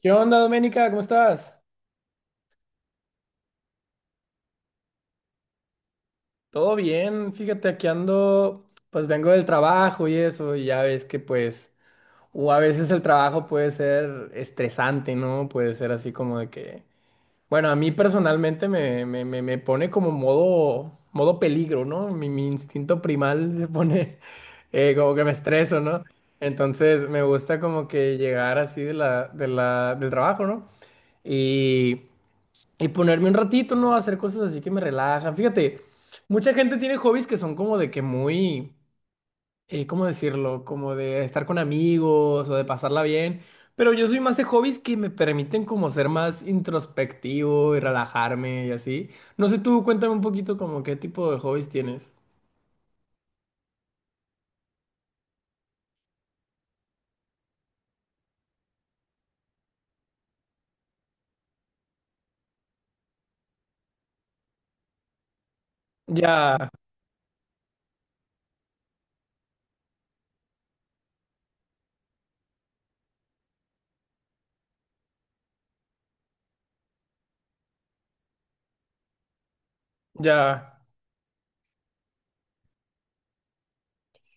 ¿Qué onda, Doménica? ¿Cómo estás? Todo bien, fíjate, aquí ando, pues vengo del trabajo y eso, y ya ves que pues, o a veces el trabajo puede ser estresante, ¿no? Puede ser así como de que, bueno, a mí personalmente me pone como modo, modo peligro, ¿no? Mi instinto primal se pone como que me estreso, ¿no? Entonces me gusta como que llegar así de del trabajo, ¿no? Y Y ponerme un ratito, ¿no? A hacer cosas así que me relajan. Fíjate, mucha gente tiene hobbies que son como de que muy, ¿cómo decirlo? Como de estar con amigos o de pasarla bien. Pero yo soy más de hobbies que me permiten como ser más introspectivo y relajarme y así. No sé, tú cuéntame un poquito como qué tipo de hobbies tienes. Ya, ya.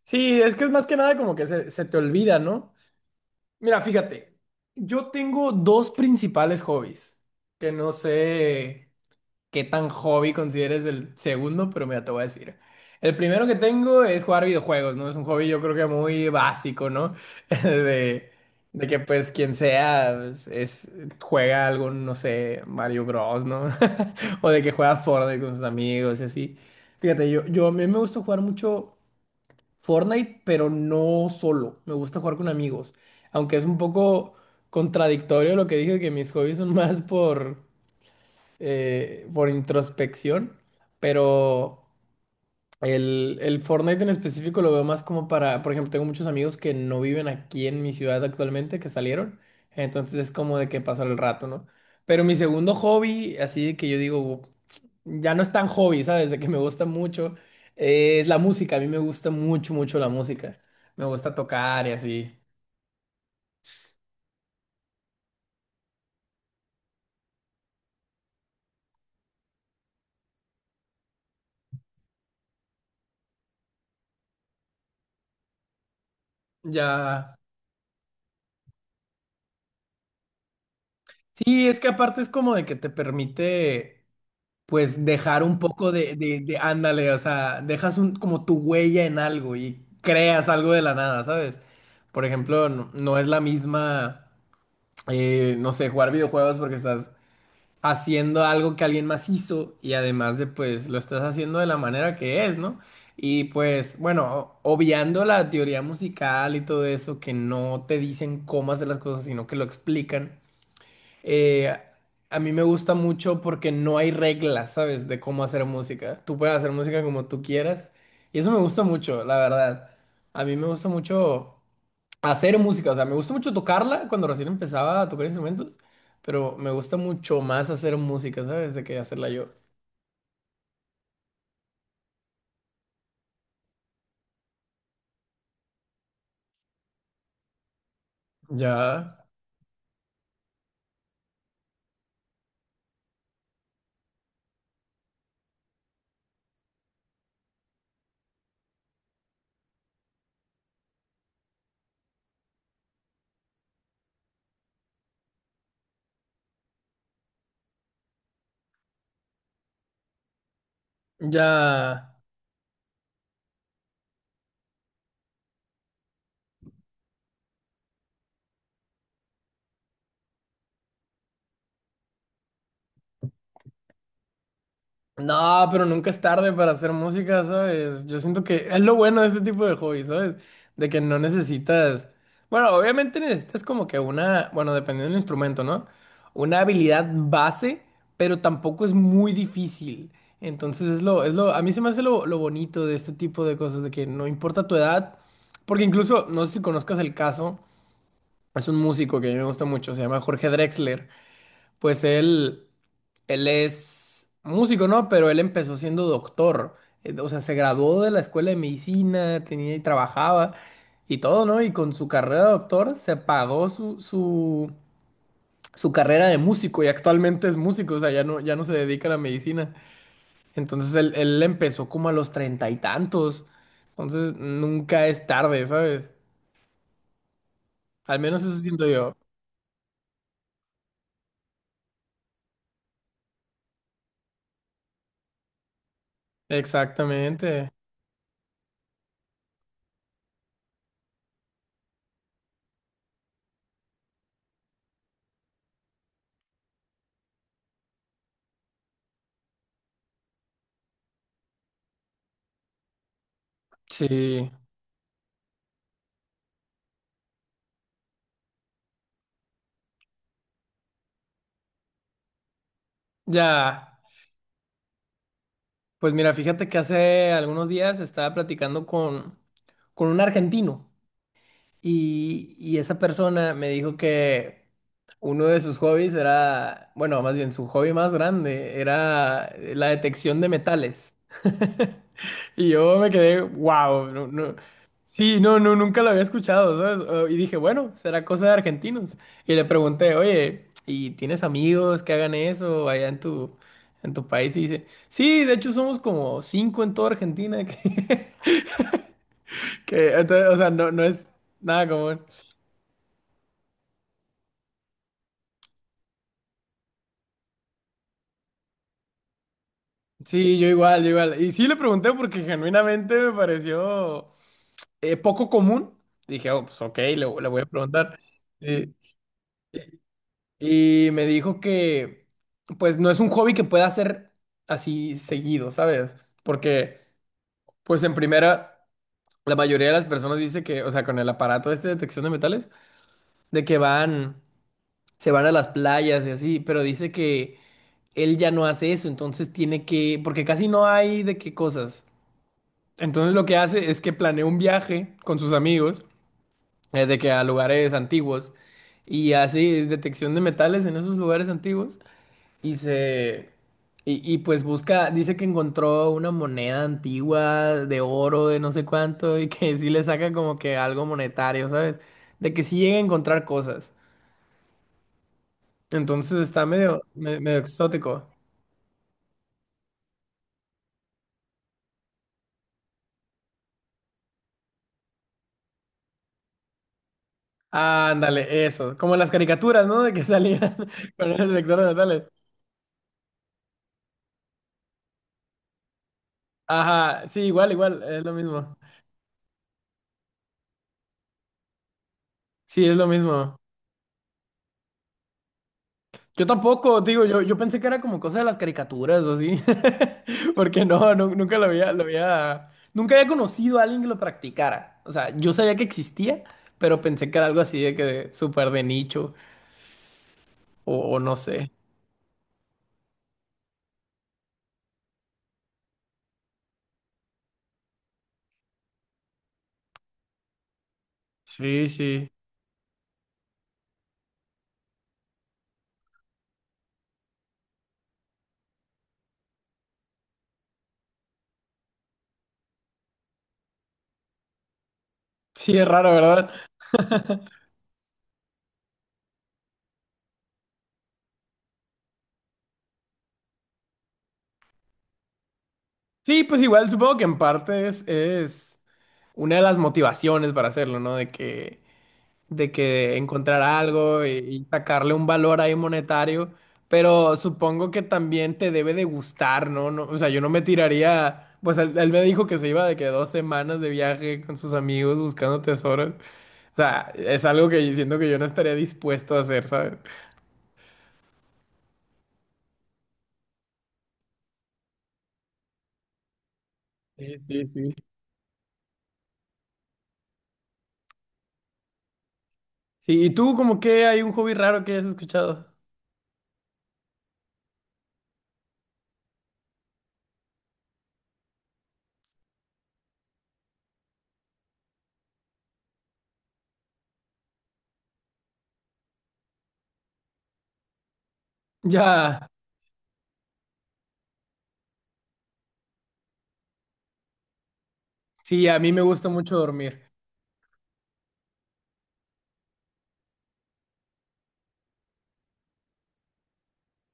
Sí, es que es más que nada como que se te olvida, ¿no? Mira, fíjate, yo tengo dos principales hobbies que no sé qué tan hobby consideres el segundo, pero mira, te voy a decir. El primero que tengo es jugar videojuegos, ¿no? Es un hobby yo creo que muy básico, ¿no? De, de que pues quien sea pues, es, juega algún, no sé, Mario Bros, ¿no? O de que juega Fortnite con sus amigos y así. Fíjate, yo a mí me gusta jugar mucho Fortnite, pero no solo. Me gusta jugar con amigos. Aunque es un poco contradictorio lo que dije, que mis hobbies son más por introspección, pero el Fortnite en específico lo veo más como para, por ejemplo, tengo muchos amigos que no viven aquí en mi ciudad actualmente, que salieron, entonces es como de que pasar el rato, ¿no? Pero mi segundo hobby, así que yo digo, ya no es tan hobby, ¿sabes? De que me gusta mucho, es la música, a mí me gusta mucho, mucho la música, me gusta tocar y así, ya. Sí, es que aparte es como de que te permite pues dejar un poco de- ándale, o sea, dejas un, como tu huella en algo y creas algo de la nada, ¿sabes? Por ejemplo, no es la misma, no sé, jugar videojuegos porque estás haciendo algo que alguien más hizo y además de, pues, lo estás haciendo de la manera que es, ¿no? Y pues, bueno, o- obviando la teoría musical y todo eso, que no te dicen cómo hacer las cosas, sino que lo explican eh, a mí me gusta mucho porque no hay reglas, ¿sabes? De cómo hacer música. Tú puedes hacer música como tú quieras. Y eso me gusta mucho, la verdad. A mí me gusta mucho hacer música. O sea, me gusta mucho tocarla cuando recién empezaba a tocar instrumentos. Pero me gusta mucho más hacer música, ¿sabes? De que hacerla yo. Ya, ya. No, pero nunca es tarde para hacer música, ¿sabes? Yo siento que es lo bueno de este tipo de hobby, ¿sabes? De que no necesitas, bueno, obviamente necesitas como que una, bueno, dependiendo del instrumento, ¿no? Una habilidad base, pero tampoco es muy difícil. Entonces es lo, a mí se me hace lo bonito de este tipo de cosas, de que no importa tu edad, porque incluso, no sé si conozcas el caso, es un músico que a mí me gusta mucho, se llama Jorge Drexler. Pues él es músico, ¿no? Pero él empezó siendo doctor. O sea, se graduó de la escuela de medicina, tenía y trabajaba y todo, ¿no? Y con su carrera de doctor se pagó su carrera de músico y actualmente es músico, o sea, ya no, ya no se dedica a la medicina. Entonces él empezó como a los treinta y tantos. Entonces nunca es tarde, ¿sabes? Al menos eso siento yo. Exactamente. Sí. Ya. Pues mira, fíjate que hace algunos días estaba platicando con un argentino y esa persona me dijo que uno de sus hobbies era, bueno, más bien su hobby más grande era la detección de metales. Y yo me quedé, wow, no, no. Sí, no, no, nunca lo había escuchado, ¿sabes? Y dije, bueno, será cosa de argentinos. Y le pregunté, oye, ¿y tienes amigos que hagan eso allá en en tu país? Y dice, sí, de hecho somos como cinco en toda Argentina. Que, que, entonces, o sea, no, no es nada común. Sí, yo igual, yo igual. Y sí le pregunté porque genuinamente me pareció poco común. Dije, oh, pues ok, le voy a preguntar. Sí. Y me dijo que, pues, no es un hobby que pueda hacer así seguido, ¿sabes? Porque, pues, en primera, la mayoría de las personas dice que, o sea, con el aparato este de detección de metales, de que van, se van a las playas y así, pero dice que él ya no hace eso, entonces tiene que, porque casi no hay de qué cosas. Entonces lo que hace es que planea un viaje con sus amigos, de que a lugares antiguos, y hace detección de metales en esos lugares antiguos. Y se... Y, y pues busca, dice que encontró una moneda antigua de oro, de no sé cuánto, y que sí le saca como que algo monetario, ¿sabes? De que sí llega a encontrar cosas. Entonces está medio, me- medio exótico. Ándale, eso. Como las caricaturas, ¿no? De que salían con el detector de metales. Ajá, sí, igual, igual, es lo mismo. Sí, es lo mismo. Yo tampoco, digo, yo pensé que era como cosa de las caricaturas o así, porque no, nu- nunca lo había, nunca había conocido a alguien que lo practicara. O sea, yo sabía que existía, pero pensé que era algo así de que de- súper de nicho o no sé. Sí, sí. Sí, es raro, ¿verdad? Sí, pues igual supongo que en parte es una de las motivaciones para hacerlo, ¿no? De que encontrar algo y sacarle un valor ahí monetario, pero supongo que también te debe de gustar, ¿no? No, o sea, yo no me tiraría, pues él me dijo que se iba de que dos semanas de viaje con sus amigos buscando tesoros, o sea, es algo que siento que yo no estaría dispuesto a hacer, ¿sabes? Sí, sí, sí. Sí, ¿y tú como que hay un hobby raro que hayas escuchado? Ya, sí, a mí me gusta mucho dormir,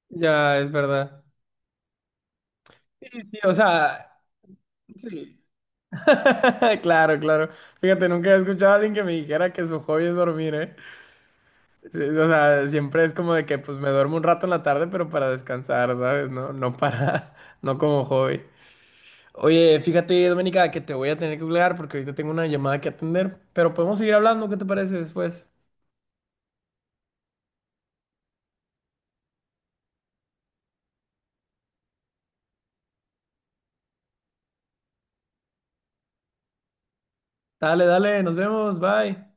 ya, es verdad. Sí, sí, o sea, sí. Claro, claro. Fíjate, nunca he escuchado a alguien que me dijera que su hobby es dormir, ¿eh? Sí, o sea, siempre es como de que pues me duermo un rato en la tarde, pero para descansar, ¿sabes? No, no para, no como hobby. Oye, fíjate, Doménica, que te voy a tener que colgar porque ahorita tengo una llamada que atender, pero podemos seguir hablando, ¿qué te parece después? Dale, dale, nos vemos, bye.